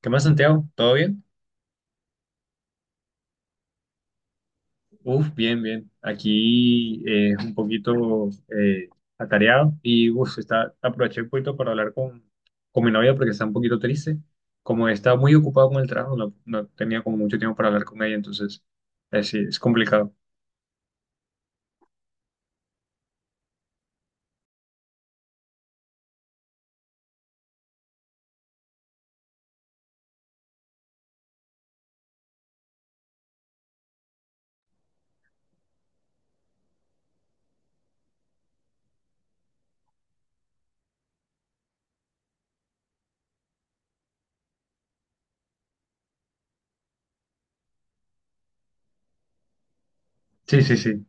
¿Qué más, Santiago? ¿Todo bien? Uf, bien, bien. Aquí es un poquito atareado y uf, está, aproveché un poquito para hablar con mi novia porque está un poquito triste. Como estaba muy ocupado con el trabajo, no tenía como mucho tiempo para hablar con ella, entonces sí, es complicado. Sí, sí, sí.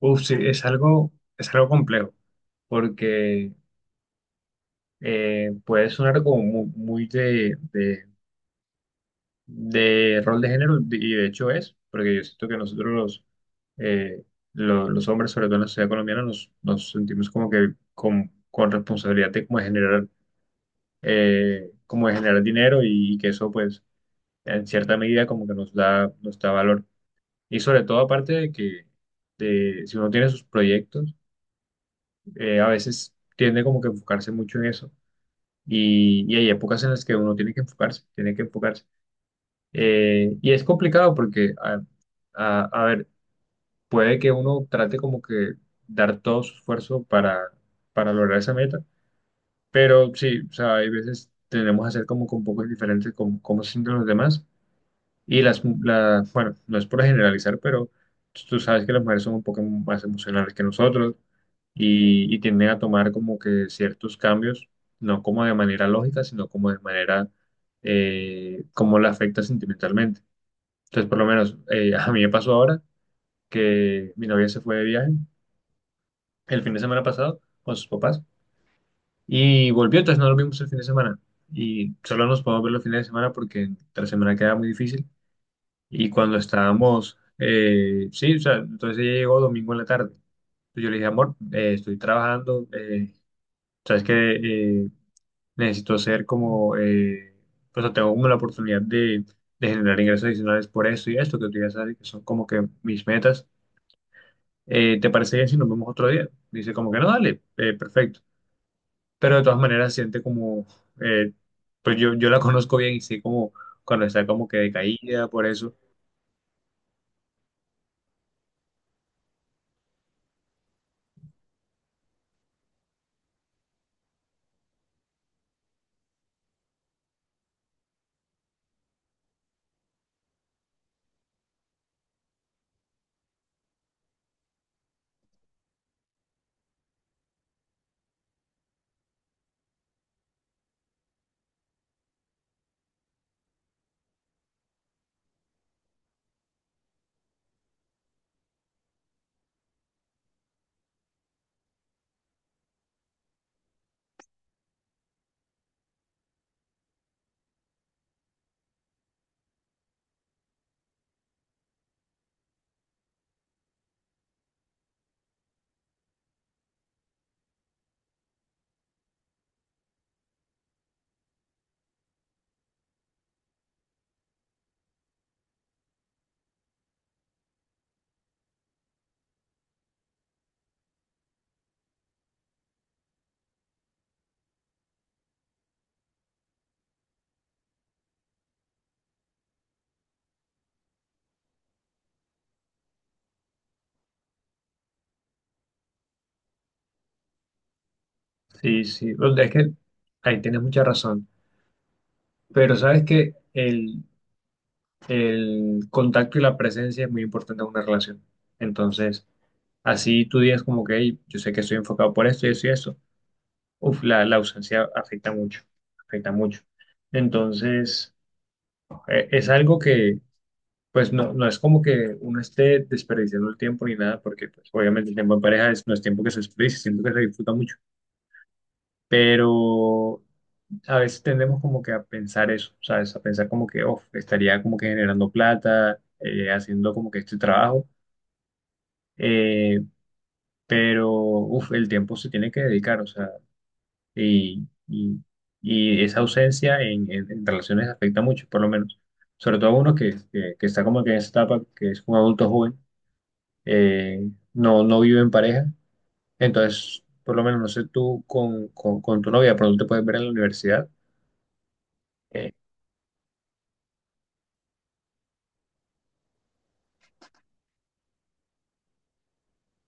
Uf, sí, es algo complejo porque puede sonar como muy, de rol de género, y de hecho es, porque yo siento que nosotros eh, los hombres, sobre todo en la sociedad colombiana, nos sentimos como que con responsabilidad de como de generar dinero y, que eso pues en cierta medida como que nos da valor. Y sobre todo aparte de que si uno tiene sus proyectos, a veces tiende como que a enfocarse mucho en eso. Y hay épocas en las que uno tiene que enfocarse, tiene que enfocarse. Y es complicado porque, a ver, puede que uno trate como que dar todo su esfuerzo para lograr esa meta, pero sí, o sea, hay veces tenemos que hacer como con pocos diferentes con cómo se sienten los demás. Y bueno, no es por generalizar, pero tú sabes que las mujeres son un poco más emocionales que nosotros y tienden a tomar como que ciertos cambios, no como de manera lógica, sino como de manera, como la afecta sentimentalmente. Entonces, por lo menos a mí me pasó ahora que mi novia se fue de viaje el fin de semana pasado con sus papás y volvió, entonces no lo vimos el fin de semana. Y solo nos podemos ver los fines de semana porque la semana queda muy difícil. Y cuando estábamos, sí, o sea, entonces ella llegó domingo en la tarde. Entonces yo le dije, amor, estoy trabajando, sabes que eh, necesito hacer como, pues, o sea, tengo como la oportunidad de generar ingresos adicionales por esto y esto que tú ya sabes que son como que mis metas. ¿Te parece bien si nos vemos otro día? Dice como que no, dale, perfecto. Pero de todas maneras siente como, eh, pues yo la conozco bien y sé como cuando está como que decaída por eso. Sí, sí, o sea, es que ahí tienes mucha razón. Pero sabes que el contacto y la presencia es muy importante en una relación. Entonces, así tú digas como que, "Ey, yo sé que estoy enfocado por esto y eso y eso". Uf, la ausencia afecta mucho, afecta mucho. Entonces, es algo que... Pues no, no es como que uno esté desperdiciando el tiempo ni nada, porque pues, obviamente el tiempo en pareja es, no es tiempo que se desperdicia, siento que se disfruta mucho, pero a veces tendemos como que a pensar eso, ¿sabes? A pensar como que, oh, estaría como que generando plata, haciendo como que este trabajo, eh, pero, uff, el tiempo se tiene que dedicar, o sea, y, y, y esa ausencia en relaciones afecta mucho, por lo menos, sobre todo a uno que está como que en esa etapa, que es un adulto joven no, no vive en pareja. Entonces, por lo menos, no sé, tú con tu novia, pronto te puedes ver en la universidad. Eh,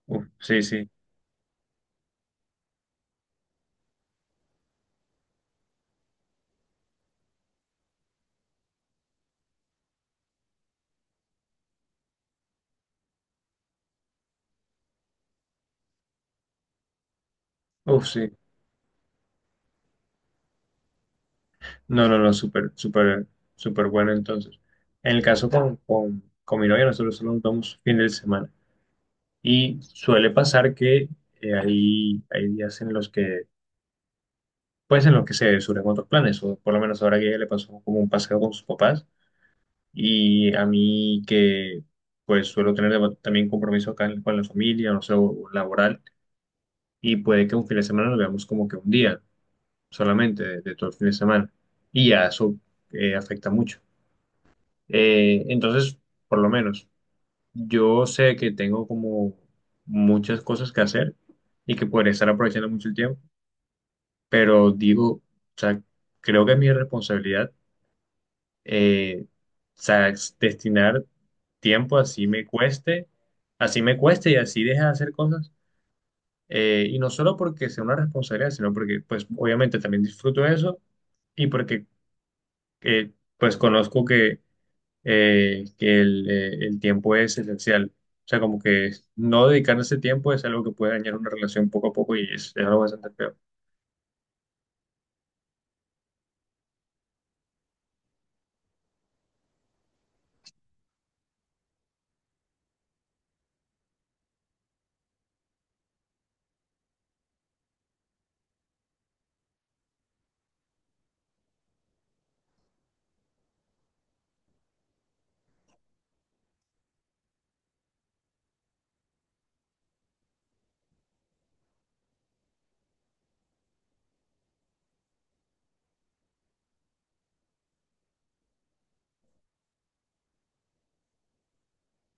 uf, sí, sí, uf, sí. No, no, no, súper, súper, súper bueno entonces. En el caso con mi novia, nosotros solo nos vamos fin de semana. Y suele pasar que hay días en los que, pues en los que se surgen otros planes, o por lo menos ahora que ella le pasó como un paseo con sus papás. Y a mí que pues suelo tener también compromiso con la familia, no sé, o laboral, y puede que un fin de semana lo veamos como que un día solamente de todo el fin de semana. Y ya eso afecta mucho. Entonces, por lo menos, yo sé que tengo como muchas cosas que hacer y que podría estar aprovechando mucho el tiempo, pero digo, o sea, creo que es mi responsabilidad o sea, destinar tiempo así me cueste y así deje de hacer cosas. Y no solo porque sea una responsabilidad, sino porque pues obviamente también disfruto eso y porque eh, pues conozco que el tiempo es esencial. O sea, como que no dedicar ese tiempo es algo que puede dañar una relación poco a poco y es algo bastante feo.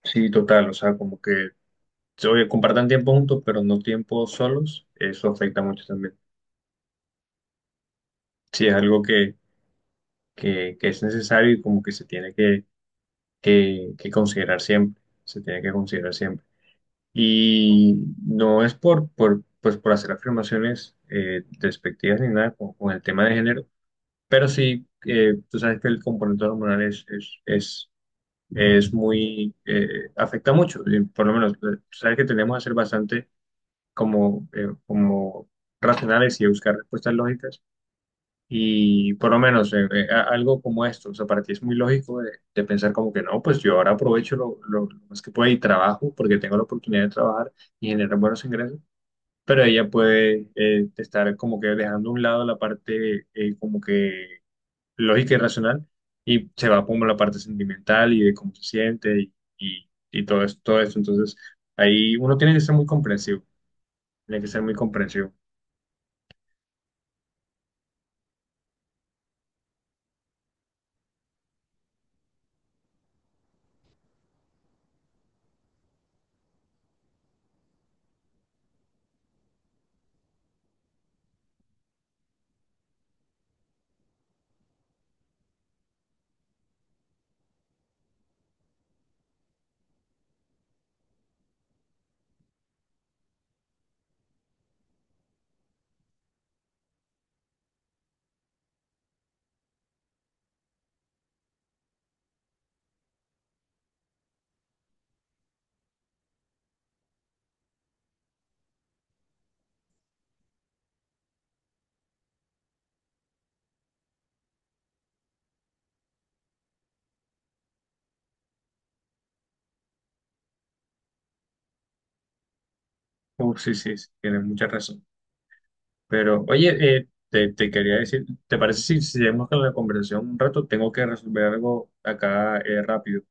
Sí, total, o sea, como que, oye, compartan tiempo juntos, pero no tiempo solos, eso afecta mucho también. Sí, es algo que es necesario y como que se tiene que, que considerar siempre, se tiene que considerar siempre. Y no es pues por hacer afirmaciones despectivas ni nada con el tema de género, pero sí, tú sabes que el componente hormonal es muy, afecta mucho, y por lo menos, tú sabes que tenemos que ser bastante como, como racionales y buscar respuestas lógicas. Y por lo menos algo como esto, o sea, para ti es muy lógico de pensar como que no, pues yo ahora aprovecho lo más que pueda y trabajo porque tengo la oportunidad de trabajar y generar buenos ingresos, pero ella puede estar como que dejando a un lado la parte como que lógica y racional y se va como la parte sentimental y de cómo se siente y todo esto, todo esto. Entonces, ahí uno tiene que ser muy comprensivo, tiene que ser muy comprensivo. Uf, sí, sí, sí, tienes mucha razón. Pero, oye, te quería decir, ¿te parece si seguimos con la conversación un rato? Tengo que resolver algo acá rápido.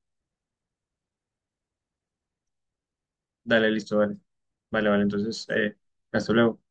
Dale, listo, dale. Vale, vale, entonces, hasta luego.